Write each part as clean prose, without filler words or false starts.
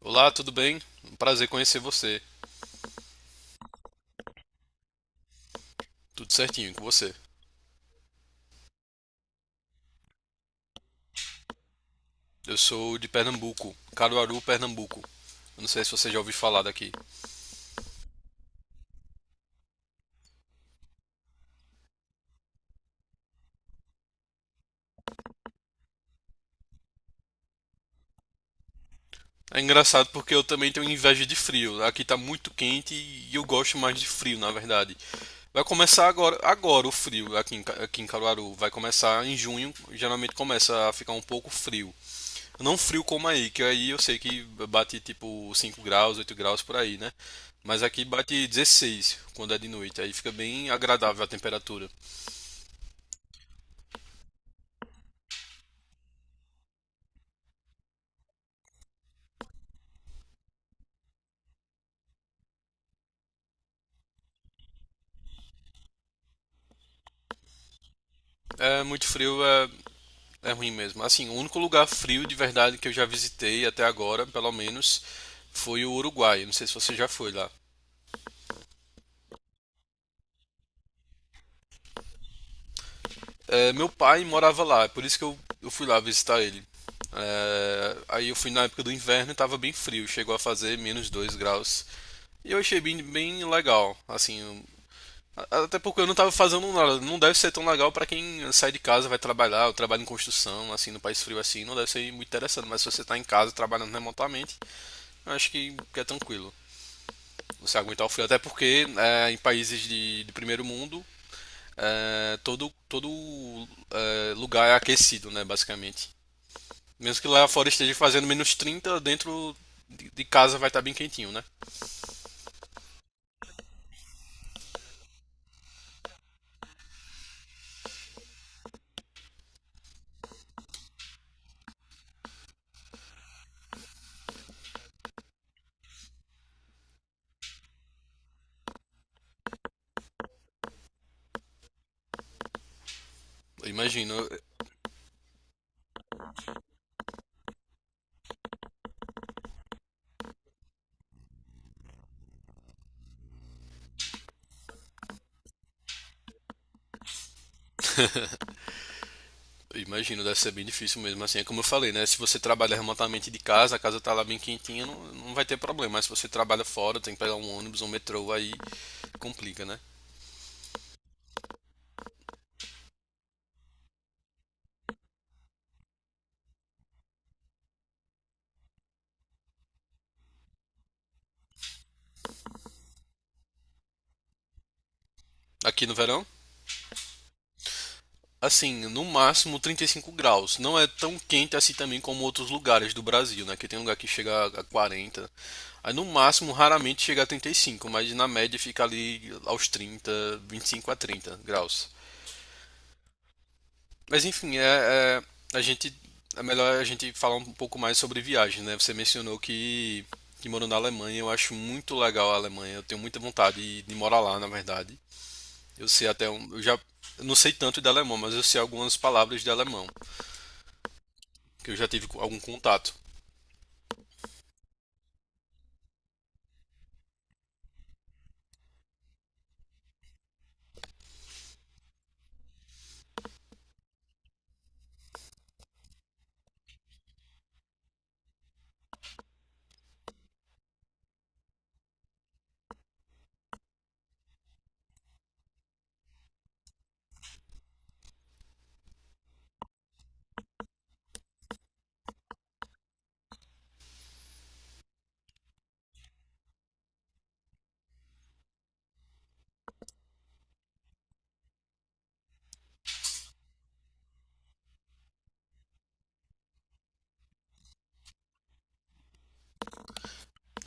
Olá, tudo bem? Um prazer conhecer você. Tudo certinho com você. Eu sou de Pernambuco, Caruaru, Pernambuco. Eu não sei se você já ouviu falar daqui. É engraçado porque eu também tenho inveja de frio. Aqui tá muito quente e eu gosto mais de frio, na verdade. Vai começar agora o frio aqui em Caruaru. Vai começar em junho, geralmente começa a ficar um pouco frio. Não frio como aí, que aí eu sei que bate tipo 5 graus, 8 graus por aí, né? Mas aqui bate 16 quando é de noite, aí fica bem agradável a temperatura. É muito frio, é ruim mesmo. Assim, o único lugar frio de verdade que eu já visitei até agora, pelo menos, foi o Uruguai. Não sei se você já foi lá. É, meu pai morava lá, é por isso que eu fui lá visitar ele. É, aí eu fui na época do inverno e tava bem frio, chegou a fazer -2 graus. E eu achei bem, bem legal, assim. Até porque eu não tava fazendo nada. Não deve ser tão legal pra quem sai de casa, vai trabalhar, ou trabalha em construção, assim, no país frio assim, não deve ser muito interessante. Mas se você tá em casa trabalhando remotamente, eu acho que é tranquilo. Você aguentar o frio. Até porque em países de primeiro mundo, todo lugar é aquecido, né, basicamente. Mesmo que lá fora esteja fazendo -30 dentro de casa vai estar bem quentinho, né? Eu imagino. Imagino, deve ser bem difícil mesmo. Assim, é como eu falei, né? Se você trabalha remotamente de casa, a casa tá lá bem quentinha, não, não vai ter problema. Mas se você trabalha fora, tem que pegar um ônibus, um metrô, aí complica, né? Aqui no verão, assim, no máximo 35 graus. Não é tão quente assim também como outros lugares do Brasil, né? Que tem lugar que chega a 40. Aí no máximo, raramente chega a 35, mas na média fica ali aos 30, 25 a 30 graus. Mas enfim, é, é, a gente é melhor a gente falar um pouco mais sobre viagem, né? Você mencionou que morou na Alemanha, eu acho muito legal a Alemanha, eu tenho muita vontade de morar lá, na verdade. Eu sei até um, eu não sei tanto de alemão, mas eu sei algumas palavras de alemão, que eu já tive algum contato,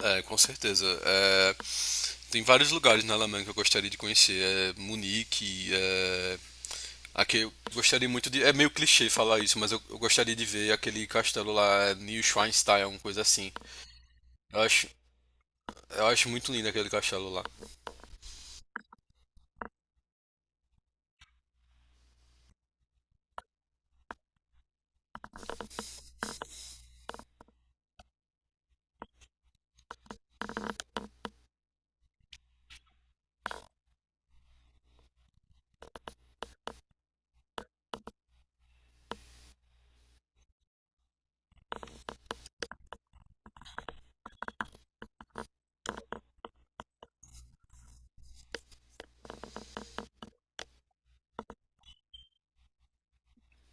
com certeza. É, tem vários lugares na Alemanha que eu gostaria de conhecer, Munique. Aqui, eu gostaria muito de. É meio clichê falar isso, mas eu gostaria de ver aquele castelo lá, New Schweinstein, uma coisa assim. Eu acho, eu acho muito lindo aquele castelo lá.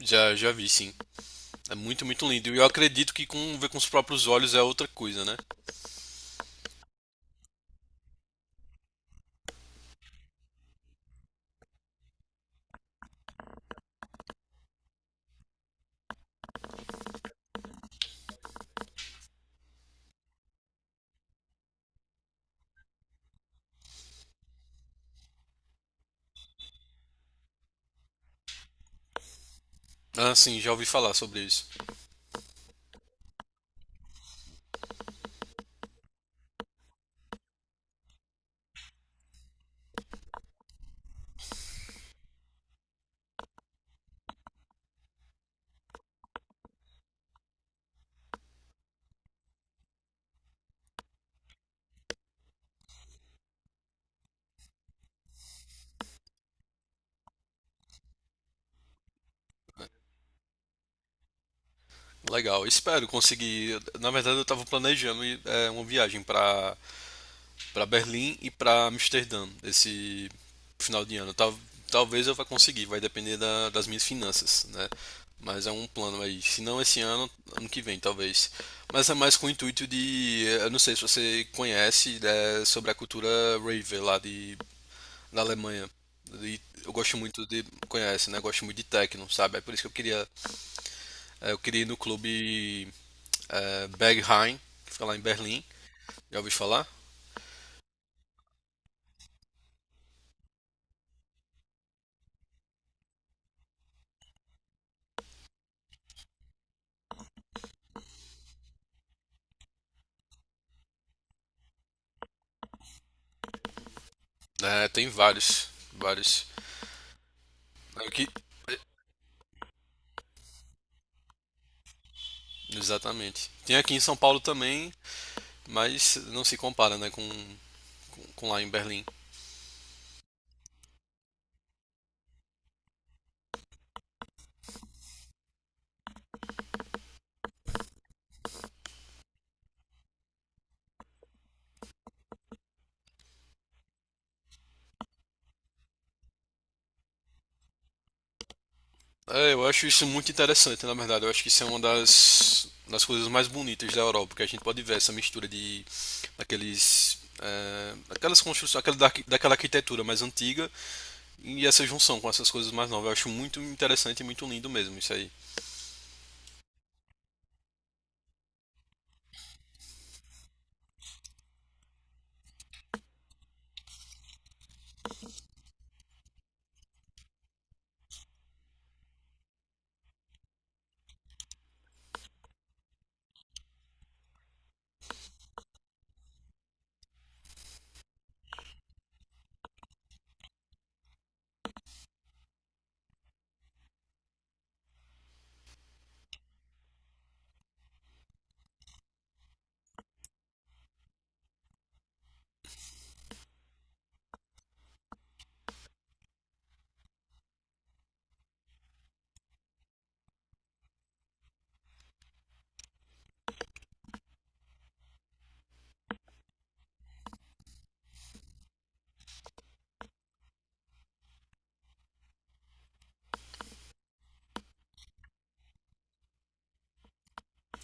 Já vi, sim. É muito, muito lindo. E eu acredito que ver com os próprios olhos é outra coisa, né? Ah, sim, já ouvi falar sobre isso. Legal, espero conseguir. Na verdade, eu tava planejando ir, uma viagem pra para Berlim e para Amsterdã esse final de ano. Talvez eu vá conseguir, vai depender das minhas finanças, né? Mas é um plano aí. Se não esse ano, ano que vem, talvez. Mas é mais com o intuito de. Eu não sei se você conhece, né, sobre a cultura rave lá da Alemanha. E eu gosto muito de. Conhece, né? Eu gosto muito de techno, sabe? É por isso que eu queria. Eu queria ir no clube Berghain, que fica lá em Berlim. Já ouviu falar? É, tem vários. Vários. Eu que- Exatamente. Tem aqui em São Paulo também, mas não se compara, né, com lá em Berlim. É, eu acho isso muito interessante, na verdade. Eu acho que isso é uma das coisas mais bonitas da Europa, porque a gente pode ver essa mistura de daqueles aquelas construções, daquela arquitetura mais antiga e essa junção com essas coisas mais novas. Eu acho muito interessante e muito lindo mesmo isso aí.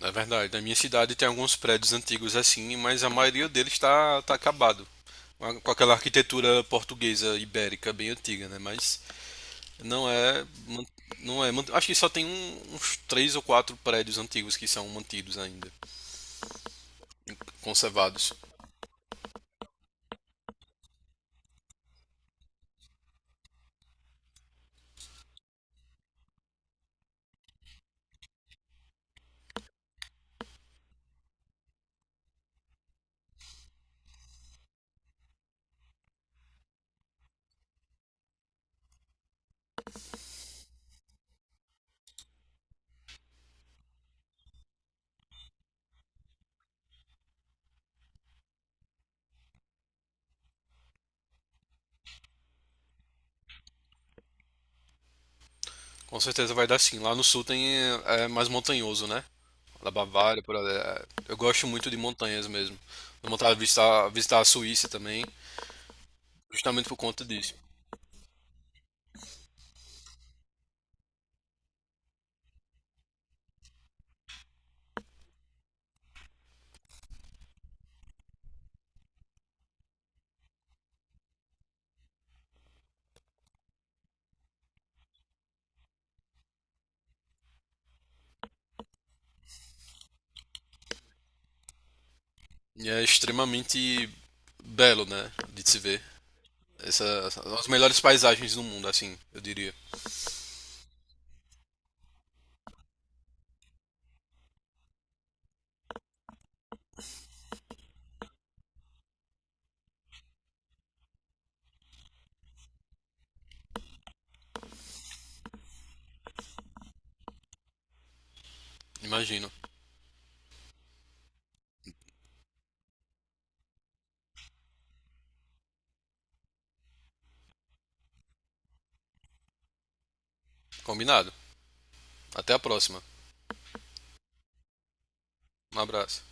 É verdade. Na minha cidade tem alguns prédios antigos assim, mas a maioria deles está tá acabado. Com aquela arquitetura portuguesa ibérica bem antiga, né? Mas não é, man- não é. man- Acho que só tem uns três ou quatro prédios antigos que são mantidos ainda, conservados. Com certeza vai dar sim. Lá no sul tem mais montanhoso, né? Da Bavária, por ali. É. Eu gosto muito de montanhas mesmo. Tenho vontade de visitar, a Suíça também, justamente por conta disso. E é extremamente belo, né? De se ver. Essa, As melhores paisagens do mundo, assim, eu diria. Imagino. Combinado. Até a próxima. Um abraço.